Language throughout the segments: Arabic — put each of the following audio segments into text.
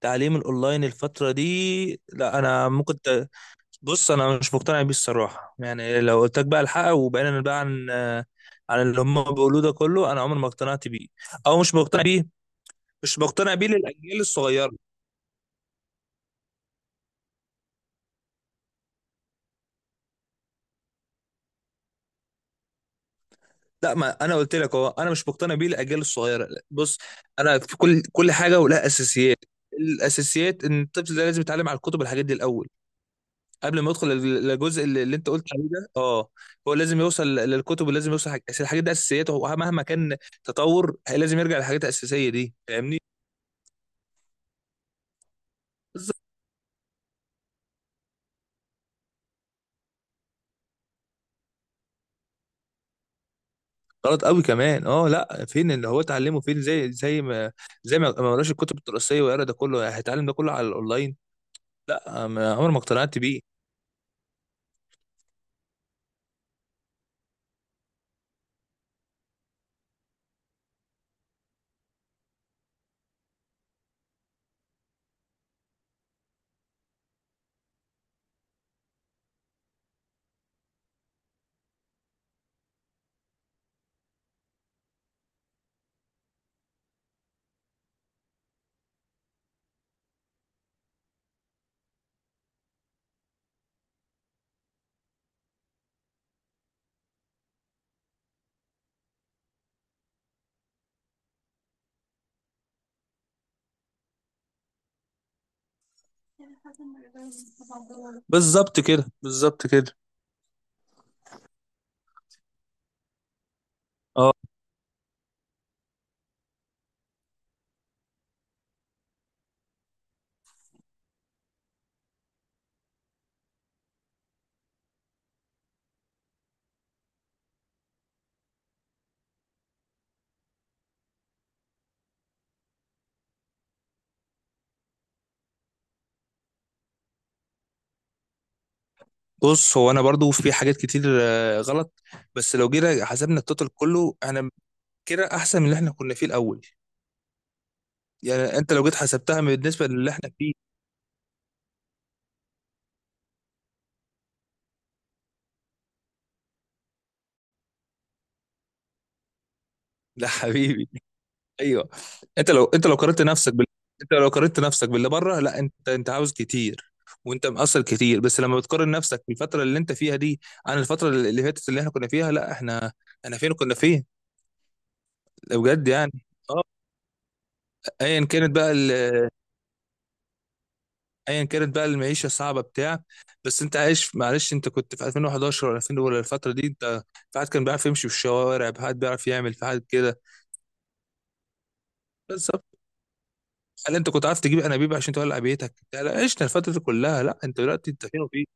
تعليم الاونلاين الفتره دي، لا انا ممكن بص، انا مش مقتنع بيه الصراحه. يعني لو قلت لك بقى الحق وبعدين بقى عن عن اللي هم بيقولوه ده كله، انا عمري ما اقتنعت بيه او مش مقتنع بيه. مش مقتنع بيه للاجيال الصغيره. لا ما انا قلت لك اهو، انا مش مقتنع بيه للاجيال الصغيره. بص، انا في كل حاجه ولها اساسيات. الاساسيات ان الطفل ده لازم يتعلم على الكتب، الحاجات دي الاول، قبل ما يدخل للجزء اللي انت قلت عليه ده. اه، هو لازم يوصل للكتب ولازم يوصل حاجة. أصل الحاجات دي اساسيات. هو مهما كان تطور لازم يرجع للحاجات الاساسيه دي. فاهمني؟ بالظبط. غلط قوي كمان. اه، لا، فين اللي هو اتعلمه؟ فين زي ما قراش الكتب الدراسيه ويقرا ده كله، يعني هيتعلم ده كله على الاونلاين؟ لا، عمر ما اقتنعت بيه. بالظبط كده، بالظبط كده. اه، بص، هو انا برضو في حاجات كتير غلط، بس لو جينا حسبنا التوتال كله، انا كده احسن من اللي احنا كنا فيه الاول. يعني انت لو جيت حسبتها بالنسبه للي احنا فيه. لا حبيبي، ايوه. انت لو انت لو قارنت نفسك بال... انت لو قارنت نفسك باللي بره، لا، انت عاوز كتير وانت مقصر كتير، بس لما بتقارن نفسك بالفتره اللي انت فيها دي عن الفتره اللي فاتت اللي احنا كنا فيها، لا، احنا احنا فين، كنا فين؟ ده بجد يعني. اه. ايا كانت بقى ايا كانت بقى المعيشه الصعبه بتاع، بس انت عايش، معلش، انت كنت في 2011 ولا 2000 ولا الفتره دي؟ انت في حد كان بيعرف يمشي في الشوارع، في حد بيعرف يعمل، في حد كده؟ بس هل انت كنت عارف تجيب انابيب عشان تولع بيتك؟ لا لا، عشنا الفتره دي كلها. لا، انت دلوقتي انت فين وفين.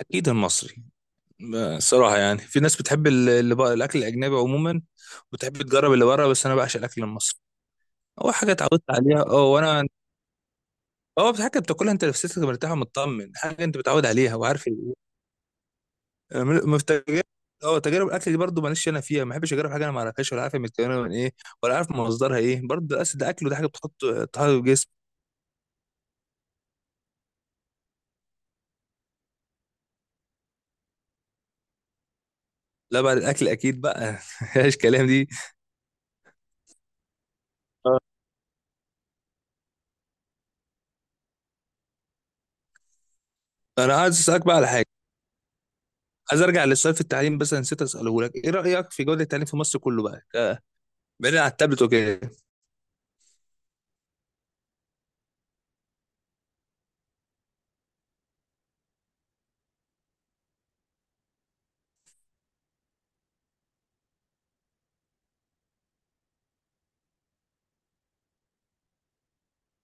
اكيد المصري. صراحه يعني في ناس بتحب اللي بقى الاكل الاجنبي عموما وتحب تجرب اللي بره، بس انا بعشق الاكل المصري. هو حاجه اتعودت عليها. اه، وانا هو حاجه بتاكلها، انت نفسيتك مرتاح ومطمن، حاجه انت متعود عليها وعارف في تجارب. اه، تجارب الاكل دي برضه ماليش انا فيها، ما بحبش اجرب حاجه انا ما اعرفهاش، ولا عارف هي متكونه من ايه، ولا عارف مصدرها ايه. برضه الاكل ده اكل، وده حاجه بتحط في الجسم. لا، بعد الاكل اكيد بقى مفيهاش كلام دي. انا عايز اسالك بقى على حاجه. عايز ارجع للسؤال في التعليم، بس أنا نسيت اساله لك. ايه رايك في جوده التعليم في مصر كله بقى، بعيد عن التابلت وكده؟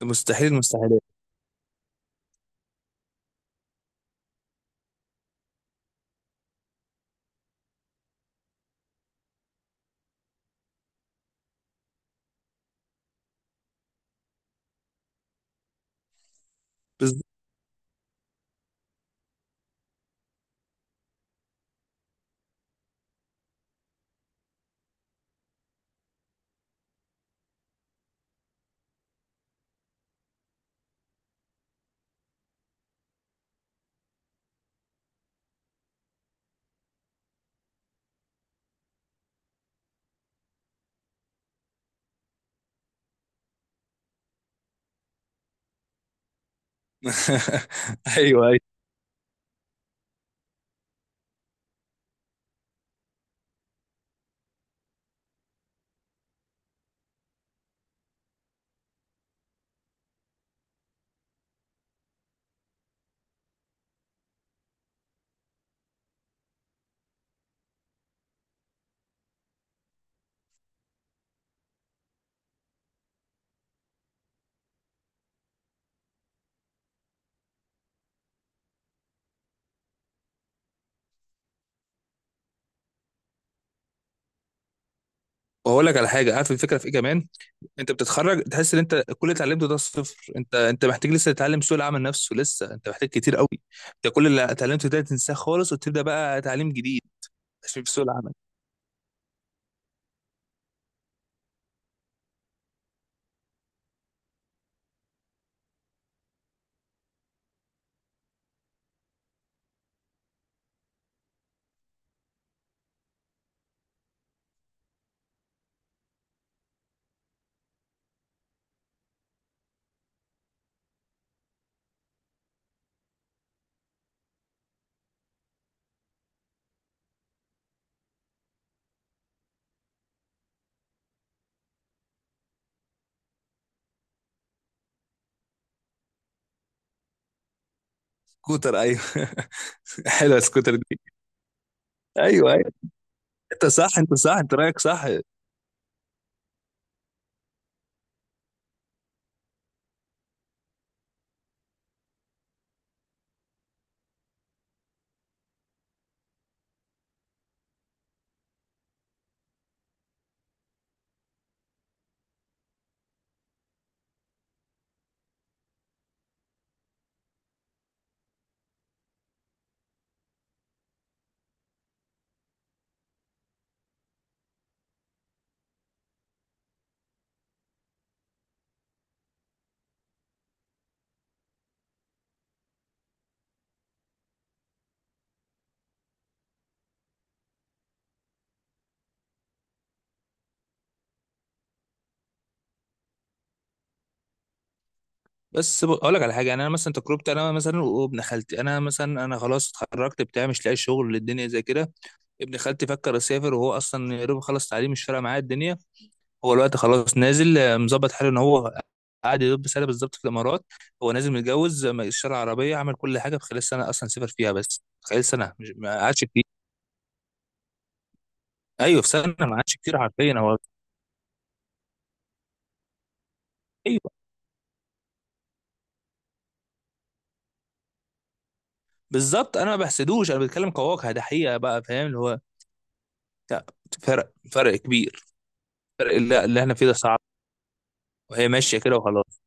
مستحيل المستحيلات. بس ايوه، ايوه. واقول لك على حاجه، عارف الفكره في ايه كمان؟ انت بتتخرج تحس ان انت كل اللي اتعلمته ده صفر. انت محتاج لسه تتعلم سوق العمل نفسه، لسه انت محتاج كتير قوي. انت كل اللي اتعلمته ده تنساه خالص وتبدا بقى تعليم جديد، عشان في سوق العمل. سكوتر؟ ايوه حلوه السكوتر دي. ايوه، ايوه، انت صح، انت صح، انت رايك صح. بس اقول لك على حاجه. يعني انا مثلا تجربتي انا مثلا وابن خالتي، انا مثلا انا خلاص اتخرجت بتاع، مش لاقي شغل، الدنيا زي كده. ابن خالتي فكر يسافر، وهو اصلا يا دوب خلص تعليم، مش فارقه معاه الدنيا. هو الوقت خلاص نازل مظبط حاله. ان هو قاعد يا دوب سنه بالظبط في الامارات، هو نازل متجوز اشترى عربيه، عمل كل حاجه في خلال سنه. اصلا سافر فيها بس خلال سنه، مش ما قعدش كتير. ايوه، في سنه، ما قعدش كتير حرفيا هو. ايوه، بالظبط. انا ما بحسدوش، انا بتكلم كواقع، ده حقيقه بقى. فاهم اللي هو؟ لا، فرق، فرق كبير. فرق. اللي احنا فيه ده صعب. وهي ماشيه كده وخلاص.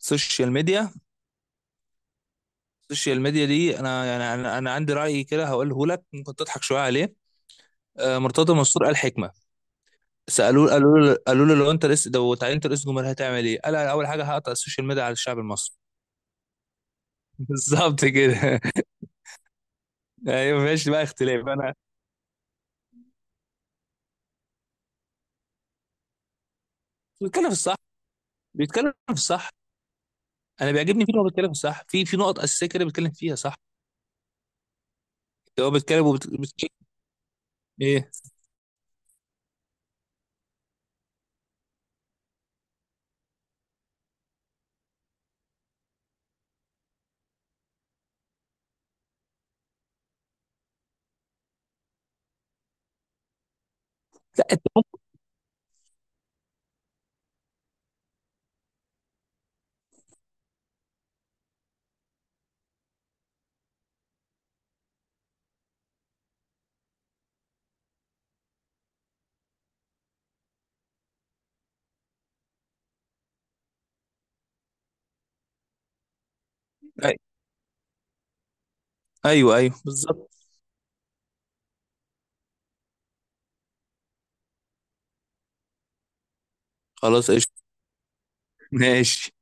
السوشيال ميديا. السوشيال ميديا دي انا يعني، انا عندي راي كده هقوله لك، ممكن تضحك شويه عليه. مرتضى منصور قال حكمه. سالوه، قالوا له، قالوا له لو انت رئيس، لو اتعينت رئيس جمهوريه هتعمل ايه؟ قال أنا اول حاجه هقطع السوشيال ميديا على الشعب المصري. بالظبط كده. ايوه، ماشي بقى، اختلاف. انا بيتكلم في الصح، بيتكلم في الصح. انا بيعجبني فيه إن هو بيتكلم في الصح، في في نقط اساسيه كده بيتكلم فيها صح. هو بيتكلم ايه؟ أي- ايوه، ايوه، بالظبط. خلاص، قشطه، ماشي.